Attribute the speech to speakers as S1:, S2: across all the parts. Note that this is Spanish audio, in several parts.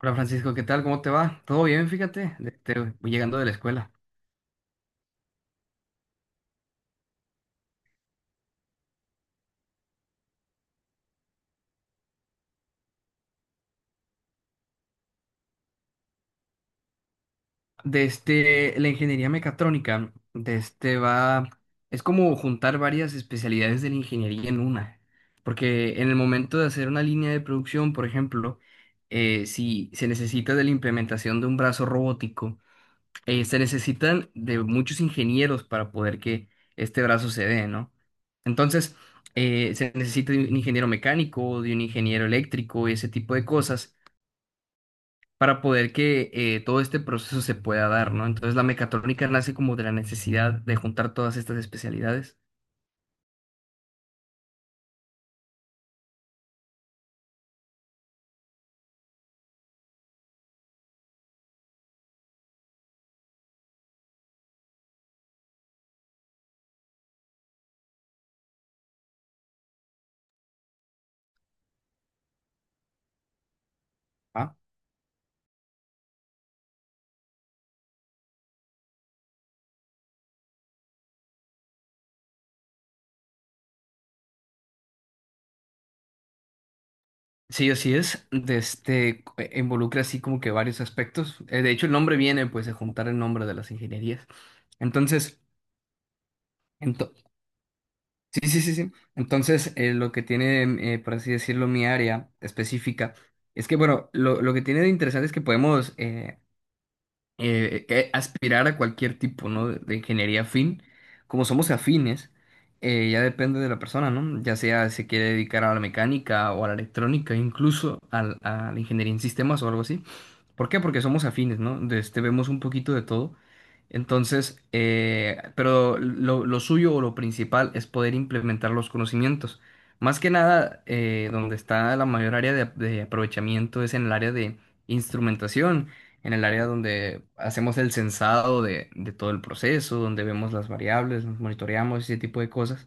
S1: Hola Francisco, ¿qué tal? ¿Cómo te va? Todo bien, fíjate. Voy llegando de la escuela. Desde la ingeniería mecatrónica, es como juntar varias especialidades de la ingeniería en una. Porque en el momento de hacer una línea de producción, por ejemplo, si se necesita de la implementación de un brazo robótico, se necesitan de muchos ingenieros para poder que este brazo se dé, ¿no? Entonces, se necesita de un ingeniero mecánico, de un ingeniero eléctrico y ese tipo de cosas, para poder que todo este proceso se pueda dar, ¿no? Entonces la mecatrónica nace como de la necesidad de juntar todas estas especialidades. Ah, sí, así es. Involucra así como que varios aspectos. De hecho, el nombre viene pues de juntar el nombre de las ingenierías. Entonces, ento- sí, sí, sí, sí. Entonces, lo que tiene, mm, por así decirlo, mi área específica es que, bueno, lo que tiene de interesante es que podemos que aspirar a cualquier tipo, ¿no? De ingeniería afín. Como somos afines, ya depende de la persona, ¿no? Ya sea se quiere dedicar a la mecánica o a la electrónica, a la ingeniería en sistemas o algo así. ¿Por qué? Porque somos afines, ¿no? De este, vemos un poquito de todo. Entonces, lo suyo o lo principal es poder implementar los conocimientos. Más que nada, donde está la mayor área de aprovechamiento es en el área de instrumentación, en el área donde hacemos el sensado de todo el proceso, donde vemos las variables, nos monitoreamos, ese tipo de cosas,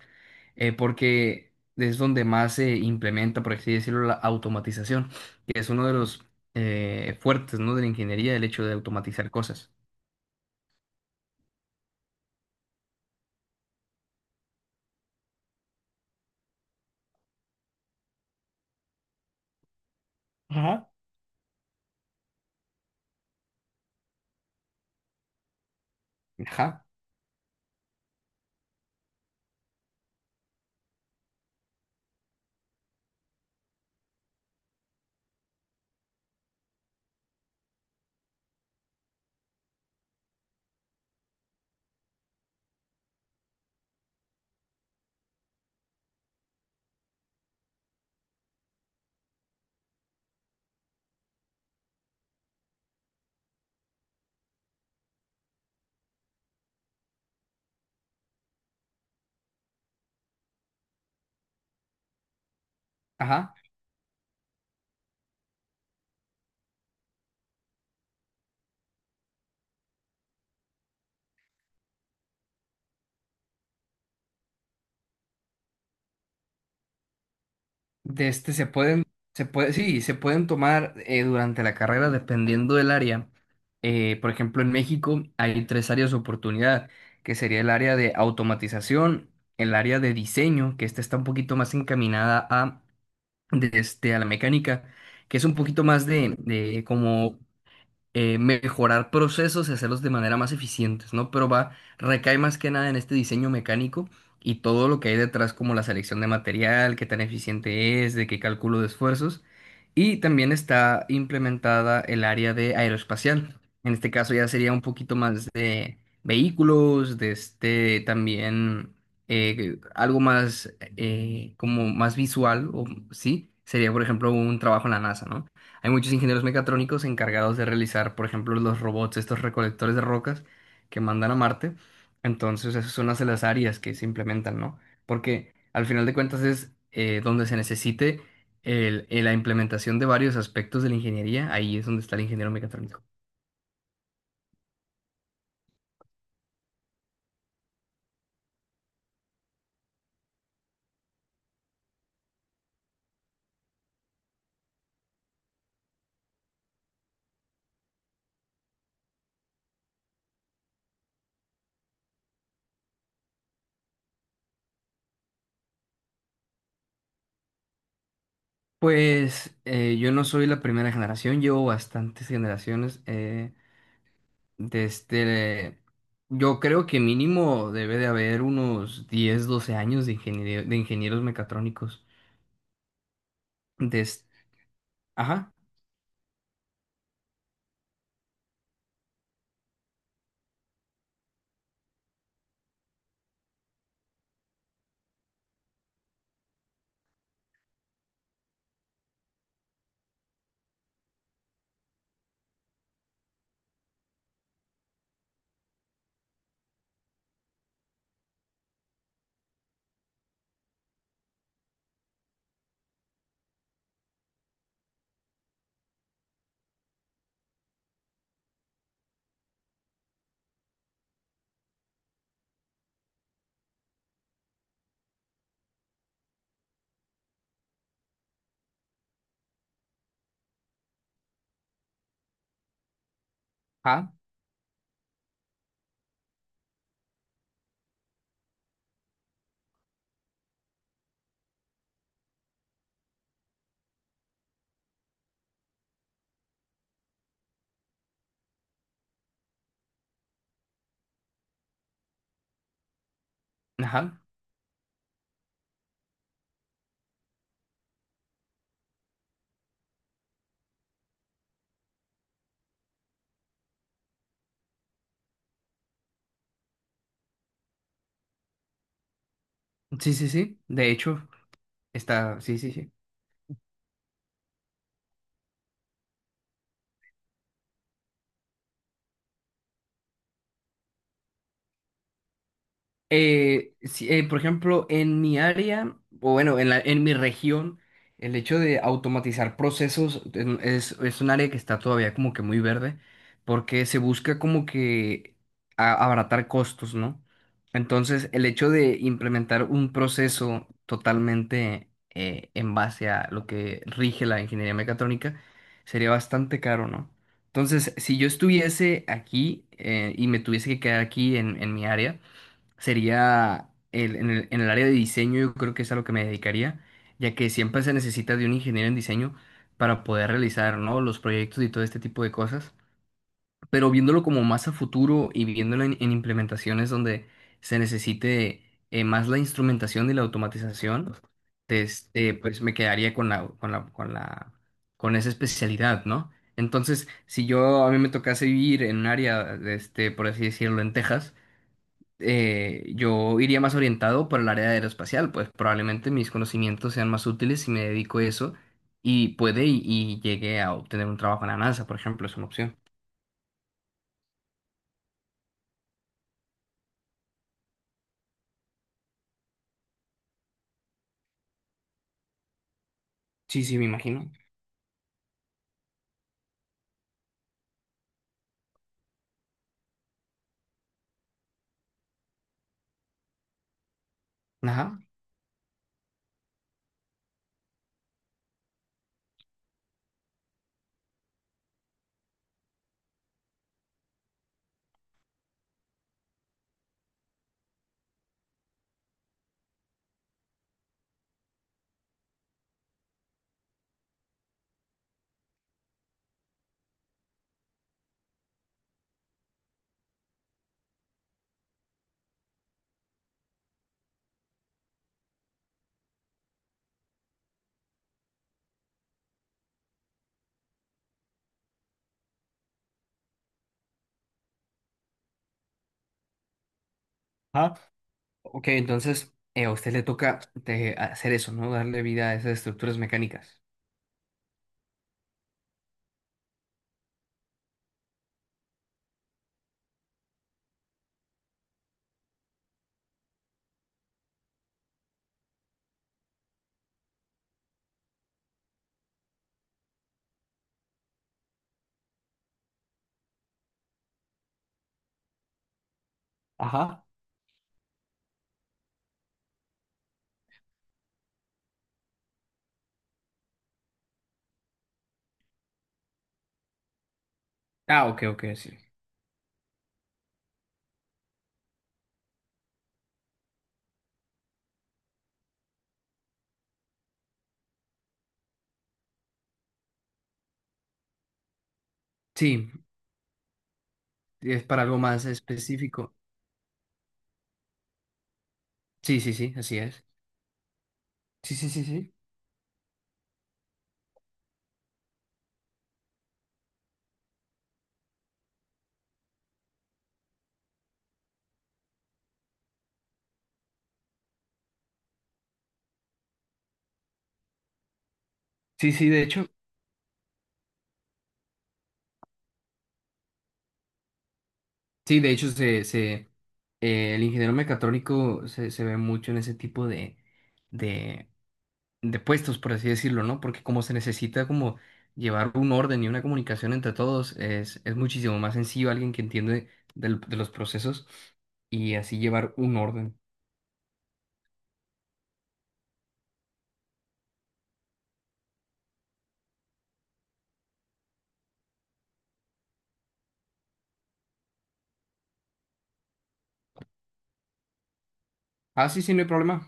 S1: porque es donde más se implementa, por así decirlo, la automatización que es uno de los fuertes, ¿no? De la ingeniería, el hecho de automatizar cosas. Ajá. Ajá, ajá. De este se pueden, se puede, sí, se pueden tomar durante la carrera dependiendo del área. Por ejemplo, en México hay tres áreas de oportunidad, que sería el área de automatización, el área de diseño, que esta está un poquito más encaminada a, a la mecánica, que es un poquito más de como mejorar procesos y hacerlos de manera más eficientes, ¿no? Pero va, recae más que nada en este diseño mecánico y todo lo que hay detrás, como la selección de material, qué tan eficiente es, de qué cálculo de esfuerzos. Y también está implementada el área de aeroespacial. En este caso ya sería un poquito más de vehículos, de este también algo más como más visual, o sí, sería por ejemplo un trabajo en la NASA, ¿no? Hay muchos ingenieros mecatrónicos encargados de realizar, por ejemplo, los robots, estos recolectores de rocas que mandan a Marte. Entonces, esas son las de las áreas que se implementan, ¿no? Porque al final de cuentas es donde se necesite la implementación de varios aspectos de la ingeniería, ahí es donde está el ingeniero mecatrónico. Pues yo no soy la primera generación, llevo bastantes generaciones. De este, yo creo que mínimo debe de haber unos 10 12 años de ingenieros mecatrónicos. De, es- ajá, ajá, ajá. Sí, sí, sí. De hecho, está, sí, sí, sí. Sí, por ejemplo, en mi área, o bueno, en mi región, el hecho de automatizar procesos es un área que está todavía como que muy verde, porque se busca como que abaratar costos, ¿no? Entonces, el hecho de implementar un proceso totalmente en base a lo que rige la ingeniería mecatrónica sería bastante caro, ¿no? Entonces, si yo estuviese aquí y me tuviese que quedar aquí en mi área, sería en el área de diseño, yo creo que es a lo que me dedicaría, ya que siempre se necesita de un ingeniero en diseño para poder realizar, ¿no? los proyectos y todo este tipo de cosas. Pero viéndolo como más a futuro y viéndolo en implementaciones donde se necesite más la instrumentación y la automatización, pues me quedaría con esa especialidad, ¿no? Entonces, si yo a mí me tocase vivir en un área, este, por así decirlo, en Texas, yo iría más orientado por el área de aeroespacial, pues probablemente mis conocimientos sean más útiles si me dedico a eso y y llegue a obtener un trabajo en la NASA, por ejemplo, es una opción. Sí, sí, me imagino. Ajá. Ajá. Ok, entonces a usted le toca hacer eso, ¿no? Darle vida a esas estructuras mecánicas. Ajá. Ah, ok, ok, sí. Sí, es para algo más específico. Sí, sí, sí, así es. Sí, sí, sí, sí. Sí, sí, de hecho, sí, de hecho, el ingeniero mecatrónico se ve mucho en ese tipo de, de puestos, por así decirlo, ¿no? Porque como se necesita como llevar un orden y una comunicación entre todos, es muchísimo más sencillo alguien que entiende de los procesos y así llevar un orden. Ah, sí, sí, no hay problema.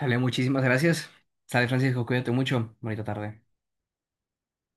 S1: Dale, muchísimas gracias. Sale, Francisco, cuídate mucho. Bonita tarde.